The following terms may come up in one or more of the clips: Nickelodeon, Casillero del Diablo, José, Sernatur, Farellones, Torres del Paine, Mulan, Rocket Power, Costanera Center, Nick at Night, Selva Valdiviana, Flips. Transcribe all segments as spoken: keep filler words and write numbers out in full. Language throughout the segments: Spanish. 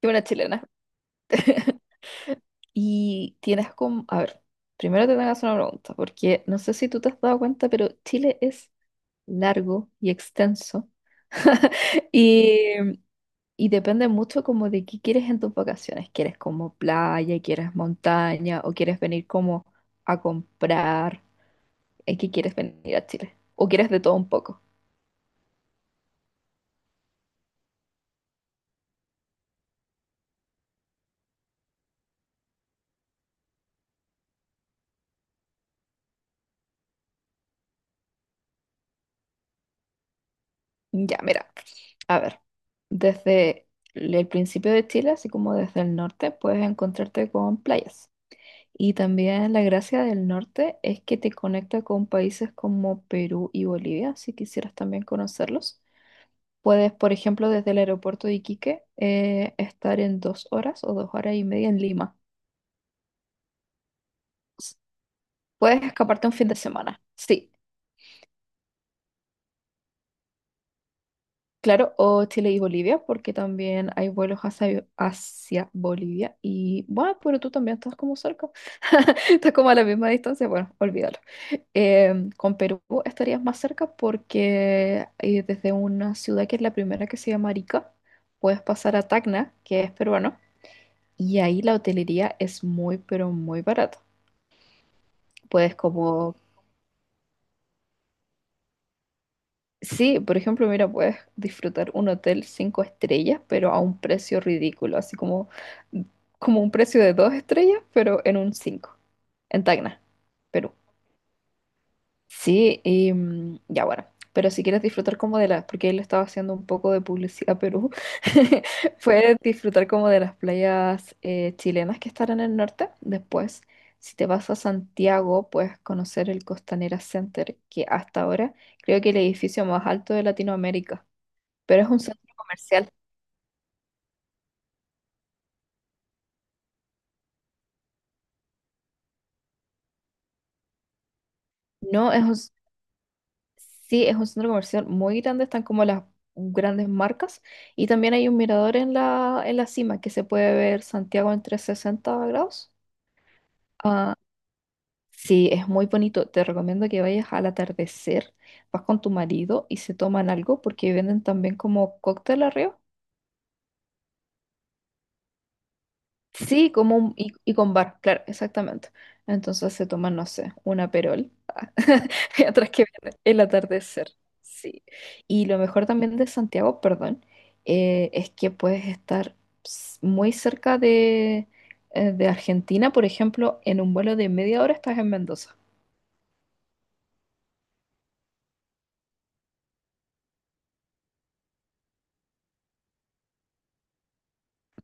Qué buena chilena. Y tienes como, a ver, primero te tengo que hacer una pregunta, porque no sé si tú te has dado cuenta, pero Chile es largo y extenso. y, y depende mucho como de qué quieres en tus vacaciones. ¿Quieres como playa, quieres montaña o quieres venir como a comprar? ¿En qué quieres venir a Chile? ¿O quieres de todo un poco? Ya, mira, a ver, desde el principio de Chile, así como desde el norte, puedes encontrarte con playas. Y también la gracia del norte es que te conecta con países como Perú y Bolivia, si quisieras también conocerlos. Puedes, por ejemplo, desde el aeropuerto de Iquique, eh, estar en dos horas o dos horas y media en Lima. S- Puedes escaparte un fin de semana, sí. Claro, o Chile y Bolivia, porque también hay vuelos hacia, hacia Bolivia. Y bueno, pero tú también estás como cerca. Estás como a la misma distancia. Bueno, olvídalo. Em, con Perú estarías más cerca porque eh, desde una ciudad que es la primera que se llama Arica, puedes pasar a Tacna, que es peruano, y ahí la hotelería es muy, pero muy barata. Puedes como. Sí, por ejemplo, mira, puedes disfrutar un hotel cinco estrellas, pero a un precio ridículo, así como, como un precio de dos estrellas, pero en un cinco, en Tacna, Perú. Sí, y mm, ya bueno, pero si quieres disfrutar como de las, porque él estaba haciendo un poco de publicidad a Perú, puedes disfrutar como de las playas eh, chilenas que están en el norte. Después, si te vas a Santiago, puedes conocer el Costanera Center, que hasta ahora creo que el edificio más alto de Latinoamérica, pero es un centro comercial. No, es un, sí, es un centro comercial muy grande, están como las grandes marcas y también hay un mirador en la, en la cima que se puede ver Santiago en trescientos sesenta grados. Ah, sí, es muy bonito. Te recomiendo que vayas al atardecer, vas con tu marido y se toman algo porque venden también como cóctel arriba. Sí, como un- y, y con bar, claro, exactamente. Entonces se toman, no sé, una perol. Ah, mientras que ven el atardecer. Sí. Y lo mejor también de Santiago, perdón, eh, es que puedes estar s- muy cerca de, eh, de Argentina, por ejemplo, en un vuelo de media hora estás en Mendoza.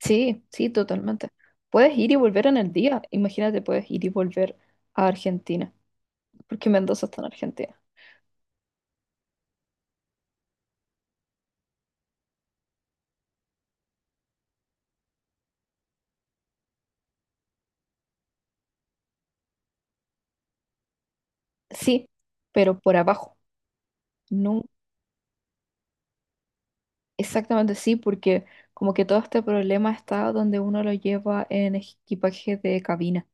Sí, sí, totalmente. Puedes ir y volver en el día. Imagínate, puedes ir y volver a Argentina, porque Mendoza está en Argentina. Sí, pero por abajo. No. Exactamente, sí, porque como que todo este problema está donde uno lo lleva en equipaje de cabina.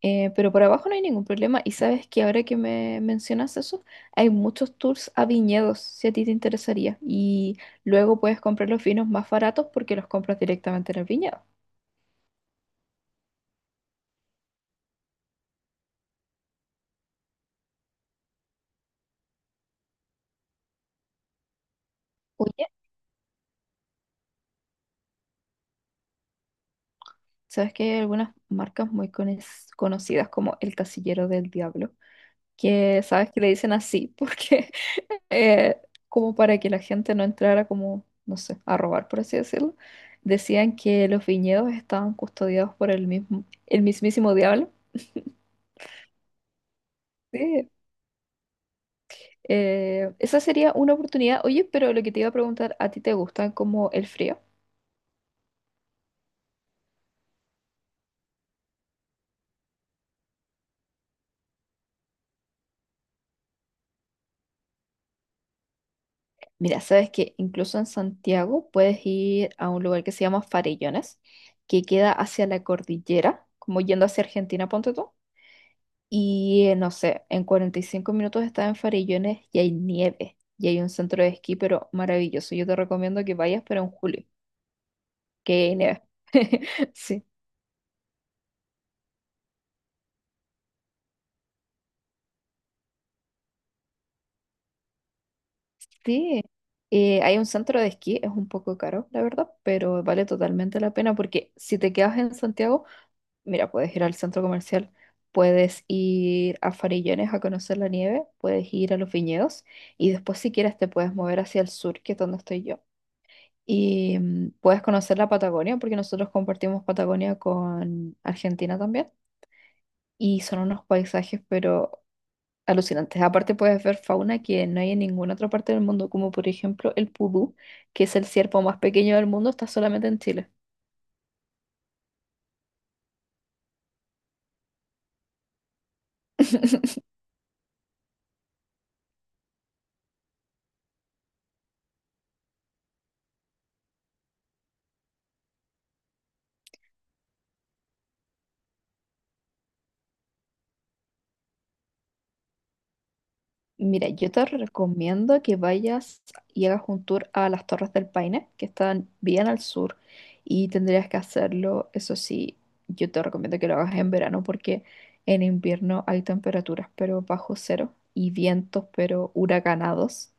Eh, pero por abajo no hay ningún problema. Y sabes que ahora que me mencionas eso, hay muchos tours a viñedos, si a ti te interesaría. Y luego puedes comprar los vinos más baratos porque los compras directamente en el viñedo. Oye, sabes que hay algunas marcas muy cones- conocidas como el Casillero del Diablo, que sabes que le dicen así porque eh, como para que la gente no entrara como, no sé, a robar, por así decirlo. Decían que los viñedos estaban custodiados por el mismo, el mismísimo diablo. Sí. Eh, esa sería una oportunidad. Oye, pero lo que te iba a preguntar, ¿a ti te gusta como el frío? Mira, sabes que incluso en Santiago puedes ir a un lugar que se llama Farellones, que queda hacia la cordillera, como yendo hacia Argentina, ponte tú. Y eh, no sé, en cuarenta y cinco minutos estaba en Farillones y hay nieve. Y hay un centro de esquí, pero maravilloso. Yo te recomiendo que vayas, pero en julio, que hay nieve. Sí. Sí. Eh, hay un centro de esquí, es un poco caro, la verdad, pero vale totalmente la pena porque si te quedas en Santiago, mira, puedes ir al centro comercial, puedes ir a Farillones a conocer la nieve, puedes ir a los viñedos y después si quieres te puedes mover hacia el sur, que es donde estoy yo. Y mm, puedes conocer la Patagonia porque nosotros compartimos Patagonia con Argentina también. Y son unos paisajes, pero alucinantes. Aparte puedes ver fauna que no hay en ninguna otra parte del mundo, como por ejemplo el pudú, que es el ciervo más pequeño del mundo, está solamente en Chile. Mira, yo te recomiendo que vayas y hagas un tour a las Torres del Paine, que están bien al sur, y tendrías que hacerlo, eso sí, yo te recomiendo que lo hagas en verano porque en invierno hay temperaturas pero bajo cero y vientos pero huracanados.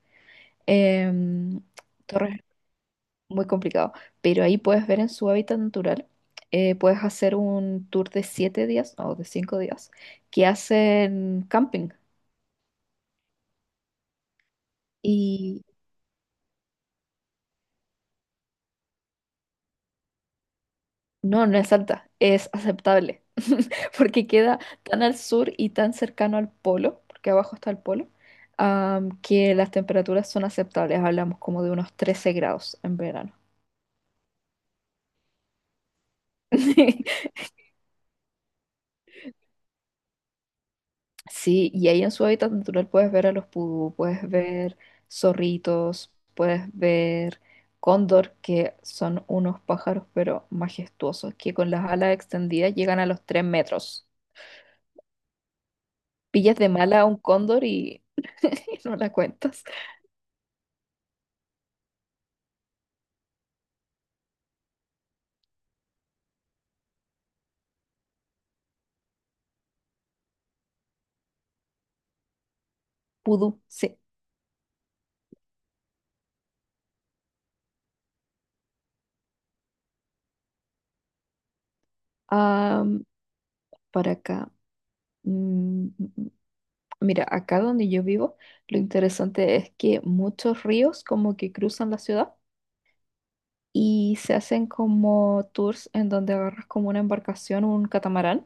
Em, Torres Muy complicado, pero ahí puedes ver en su hábitat natural, eh, puedes hacer un tour de siete días o de cinco días que hacen camping. Y no, no es alta, es aceptable, porque queda tan al sur y tan cercano al polo, porque abajo está el polo, am, que las temperaturas son aceptables, hablamos como de unos trece grados en verano. Sí, y ahí en su hábitat natural puedes ver a los pudú, puedes ver zorritos, puedes ver cóndor, que son unos pájaros pero majestuosos, que con las alas extendidas llegan a los tres metros. Pillas de mala a un cóndor y no la cuentas. Pudú, sí. Am, para acá. mm, Mira, acá donde yo vivo, lo interesante es que muchos ríos como que cruzan la ciudad y se hacen como tours en donde agarras como una embarcación, un catamarán,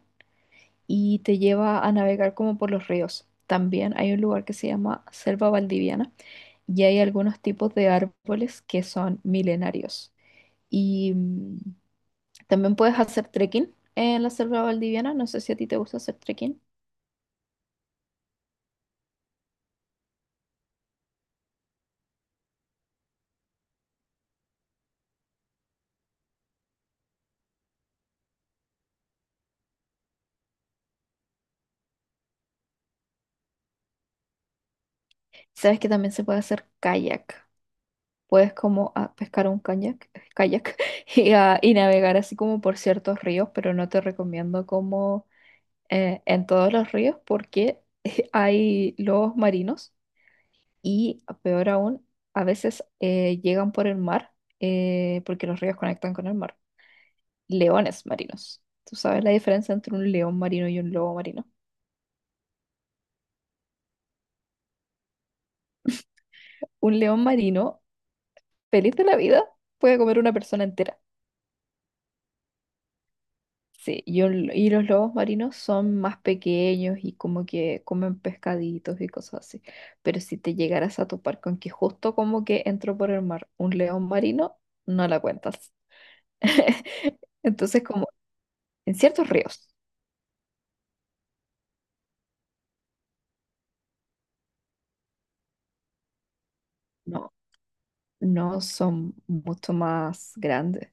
y te lleva a navegar como por los ríos. También hay un lugar que se llama Selva Valdiviana y hay algunos tipos de árboles que son milenarios. Y mm, también puedes hacer trekking en la Selva Valdiviana. No sé si a ti te gusta hacer trekking. Sabes que también se puede hacer kayak. Puedes como ah, pescar un kayak, kayak y, ah, y navegar así como por ciertos ríos, pero no te recomiendo como eh, en todos los ríos porque hay lobos marinos y peor aún, a veces eh, llegan por el mar eh, porque los ríos conectan con el mar. Leones marinos. ¿Tú sabes la diferencia entre un león marino y un lobo marino? Un león marino, feliz de la vida, puede comer una persona entera. Sí, y, un- y los lobos marinos son más pequeños y como que comen pescaditos y cosas así. Pero si te llegaras a topar con que justo como que entró por el mar un león marino, no la cuentas. Entonces, como en ciertos ríos, no, no son mucho más grandes.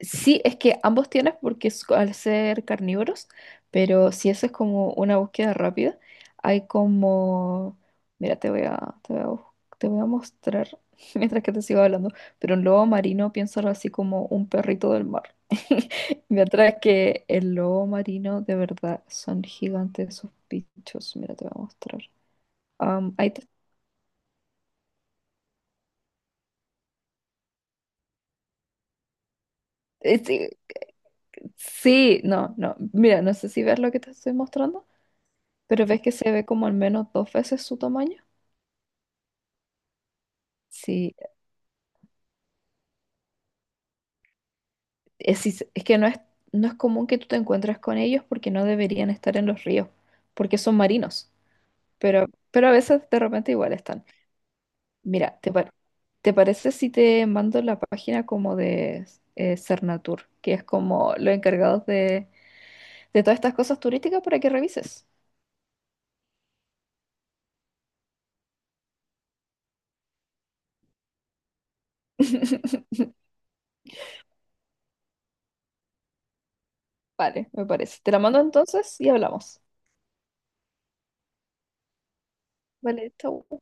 Sí, es, que ambos tienen porque es- al ser carnívoros, pero si eso es como una búsqueda rápida, hay como... Mira, te voy a, te voy a, bus- te voy a mostrar mientras que te sigo hablando, pero un lobo marino piénsalo así como un perrito del mar. Mientras que el lobo marino de verdad son gigantes esos bichos. Mira, te voy a mostrar. Am, ahí te- eh, sí, sí, no, no. Mira, no sé si ves lo que te estoy mostrando. Pero ves que se ve como al menos dos veces su tamaño. Sí, es, es- es que no es, no es común que tú te encuentres con ellos porque no deberían estar en los ríos, porque son marinos, pero, pero a veces de repente igual están. Mira, ¿te, par- te parece si te mando la página como de eh, Cernatur, que es como los encargados de, de todas estas cosas turísticas para que revises? Vale, me parece. Te la mando entonces y hablamos. Vale, chau.